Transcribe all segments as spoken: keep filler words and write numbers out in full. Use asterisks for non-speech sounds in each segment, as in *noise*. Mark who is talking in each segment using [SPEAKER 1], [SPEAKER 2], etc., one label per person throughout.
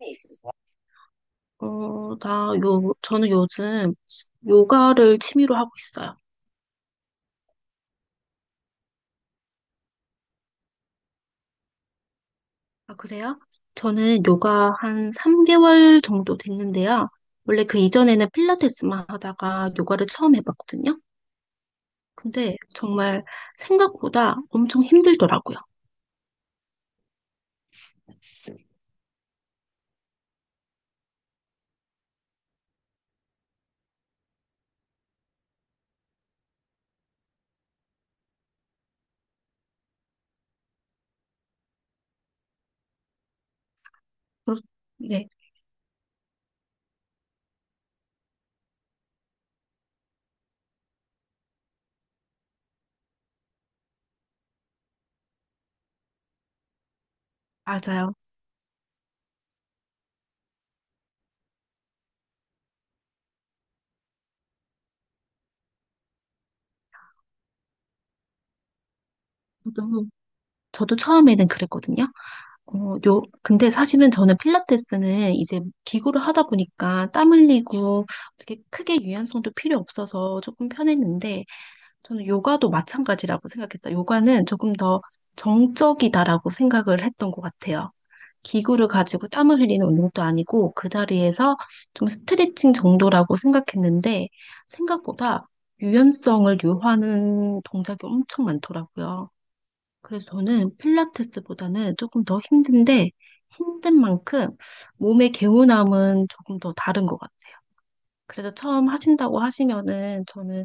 [SPEAKER 1] 있으세요? 어, 나 요, 저는 요즘 요가를 취미로 하고 있어요. 아, 그래요? 저는 요가 한 삼 개월 정도 됐는데요. 원래 그 이전에는 필라테스만 하다가 요가를 처음 해봤거든요. 근데 정말 생각보다 엄청 힘들더라고요. 그렇- 네, 맞아요. 저도, 저도 처음에는 그랬거든요. 어, 요, 근데 사실은 저는 필라테스는 이제 기구를 하다 보니까 땀 흘리고 어떻게 크게 유연성도 필요 없어서 조금 편했는데 저는 요가도 마찬가지라고 생각했어요. 요가는 조금 더 정적이다라고 생각을 했던 것 같아요. 기구를 가지고 땀을 흘리는 운동도 아니고 그 자리에서 좀 스트레칭 정도라고 생각했는데 생각보다 유연성을 요하는 동작이 엄청 많더라고요. 그래서 저는 필라테스보다는 조금 더 힘든데 힘든 만큼 몸의 개운함은 조금 더 다른 것 같아요. 그래서 처음 하신다고 하시면은 저는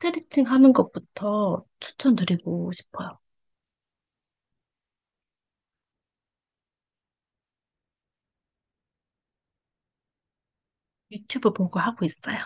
[SPEAKER 1] 스트레칭 하는 것부터 추천드리고 싶어요. 유튜브 보고 하고 있어요.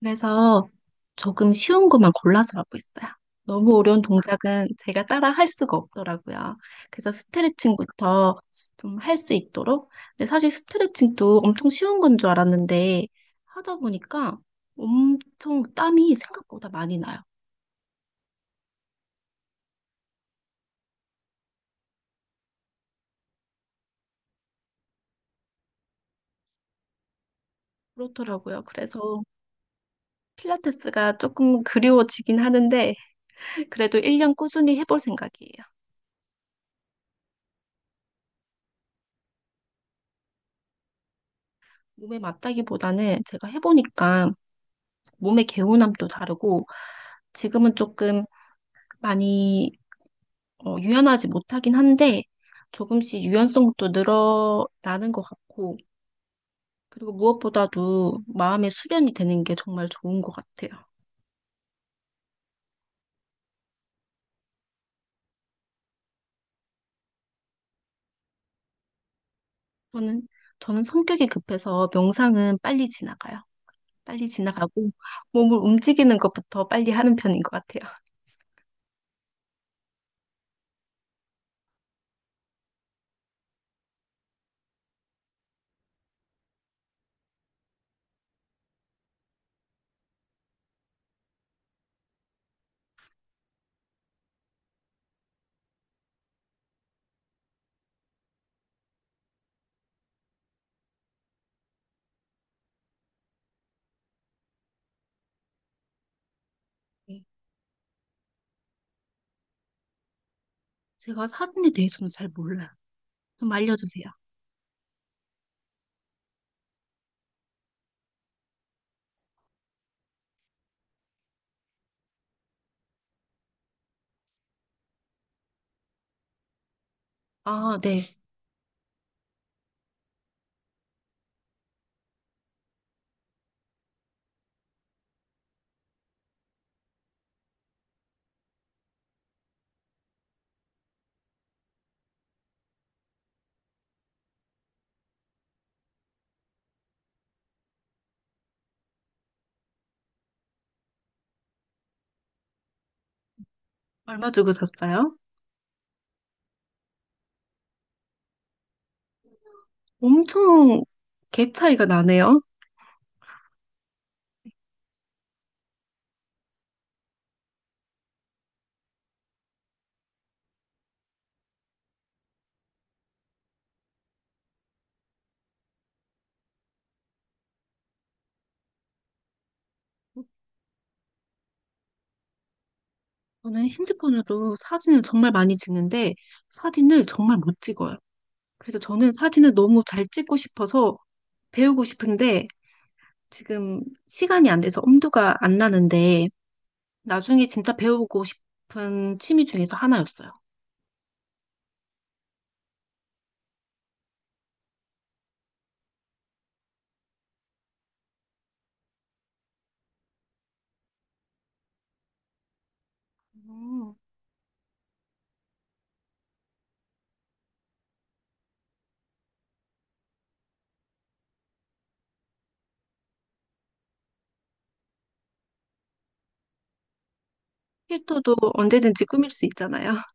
[SPEAKER 1] 그래서 조금 쉬운 것만 골라서 하고 있어요. 너무 어려운 동작은 제가 따라 할 수가 없더라고요. 그래서 스트레칭부터 좀 할 수 있도록. 근데 사실 스트레칭도 엄청 쉬운 건 줄 알았는데 하다 보니까 엄청 땀이 생각보다 많이 나요. 그렇더라고요. 그래서 필라테스가 조금 그리워지긴 하는데 그래도 일 년 꾸준히 해볼 생각이에요. 몸에 맞다기보다는 제가 해보니까 몸의 개운함도 다르고 지금은 조금 많이 어, 유연하지 못하긴 한데 조금씩 유연성도 늘어나는 것 같고 그리고 무엇보다도 마음의 수련이 되는 게 정말 좋은 것 같아요. 저는 저는 성격이 급해서 명상은 빨리 지나가요. 빨리 지나가고 몸을 움직이는 것부터 빨리 하는 편인 것 같아요. 네. 제가 사진에 대해서는 잘 몰라요. 좀 알려주세요. 아, 네. 얼마 주고 샀어요? 엄청 갭 차이가 나네요. 저는 핸드폰으로 사진을 정말 많이 찍는데 사진을 정말 못 찍어요. 그래서 저는 사진을 너무 잘 찍고 싶어서 배우고 싶은데 지금 시간이 안 돼서 엄두가 안 나는데 나중에 진짜 배우고 싶은 취미 중에서 하나였어요. 음. 필터도 언제든지 꾸밀 수 있잖아요. *laughs*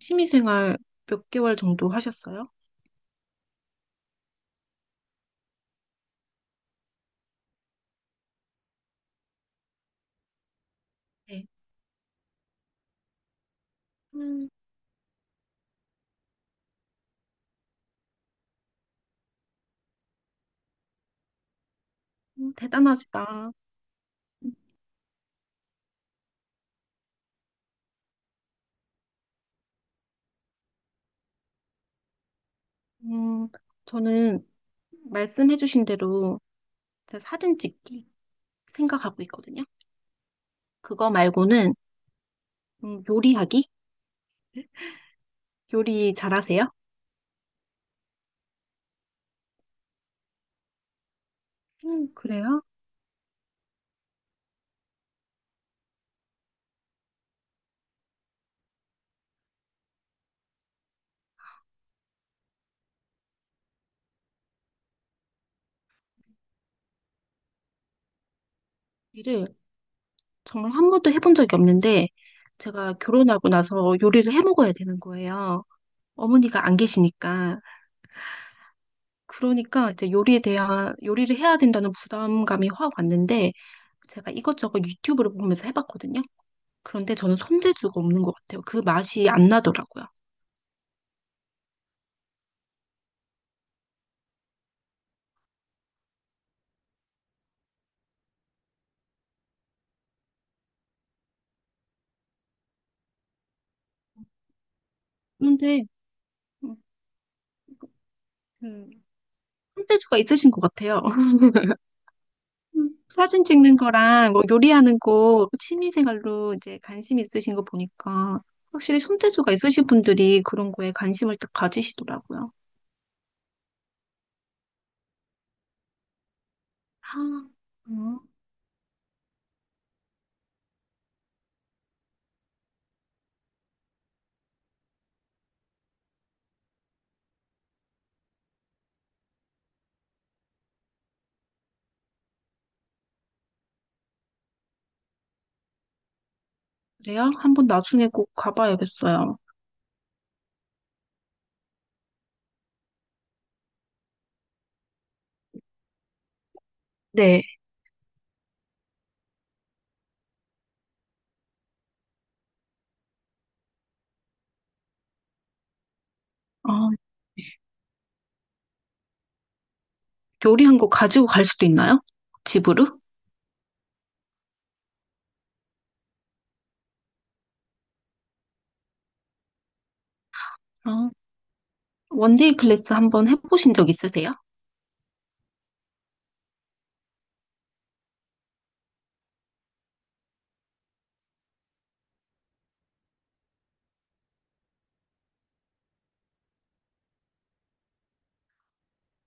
[SPEAKER 1] 취미 생활 몇 개월 정도 하셨어요? 네. 음, 대단하시다. 음, 저는 말씀해주신 대로 제가 사진 찍기 생각하고 있거든요. 그거 말고는 음, 요리하기? 요리 잘하세요? 음, 그래요? 요리를 정말 한 번도 해본 적이 없는데 제가 결혼하고 나서 요리를 해 먹어야 되는 거예요. 어머니가 안 계시니까. 그러니까 이제 요리에 대한, 요리를 해야 된다는 부담감이 확 왔는데 제가 이것저것 유튜브를 보면서 해봤거든요. 그런데 저는 손재주가 없는 것 같아요. 그 맛이 안 나더라고요. 그런데 음, 그재주가 있으신 것 같아요. *laughs* 사진 찍는 거랑 뭐 요리하는 거 취미생활로 이제 관심 있으신 거 보니까 확실히 손재주가 있으신 분들이 그런 거에 관심을 딱 가지시더라고요. 아, 음. 그래요? 한번 나중에 꼭 가봐야겠어요. 네. 어, 요리한 거 가지고 갈 수도 있나요? 집으로? 어, 원데이 클래스 한번 해보신 적 있으세요?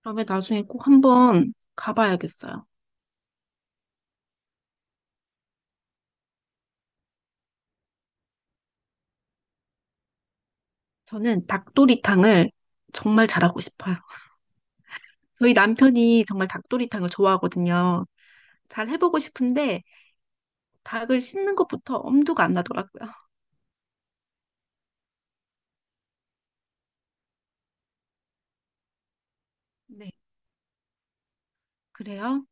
[SPEAKER 1] 그러면 나중에 꼭 한번 가봐야겠어요. 저는 닭도리탕을 정말 잘하고 싶어요. 저희 남편이 정말 닭도리탕을 좋아하거든요. 잘 해보고 싶은데 닭을 씹는 것부터 엄두가 안 나더라고요. 네, 그래요?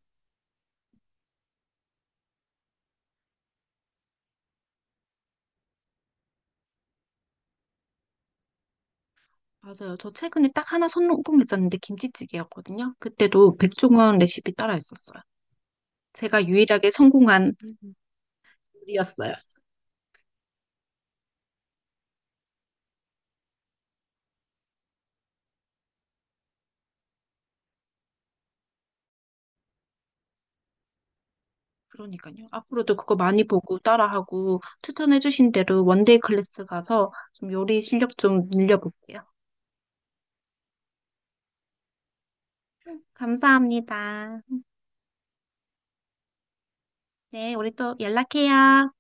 [SPEAKER 1] 맞아요. 저 최근에 딱 하나 성공했었는데 김치찌개였거든요. 그때도 백종원 레시피 따라 했었어요. 제가 유일하게 성공한 요리였어요. 그러니까요. 앞으로도 그거 많이 보고 따라하고 추천해주신 대로 원데이 클래스 가서 좀 요리 실력 좀 늘려볼게요. 감사합니다. 네, 우리 또 연락해요.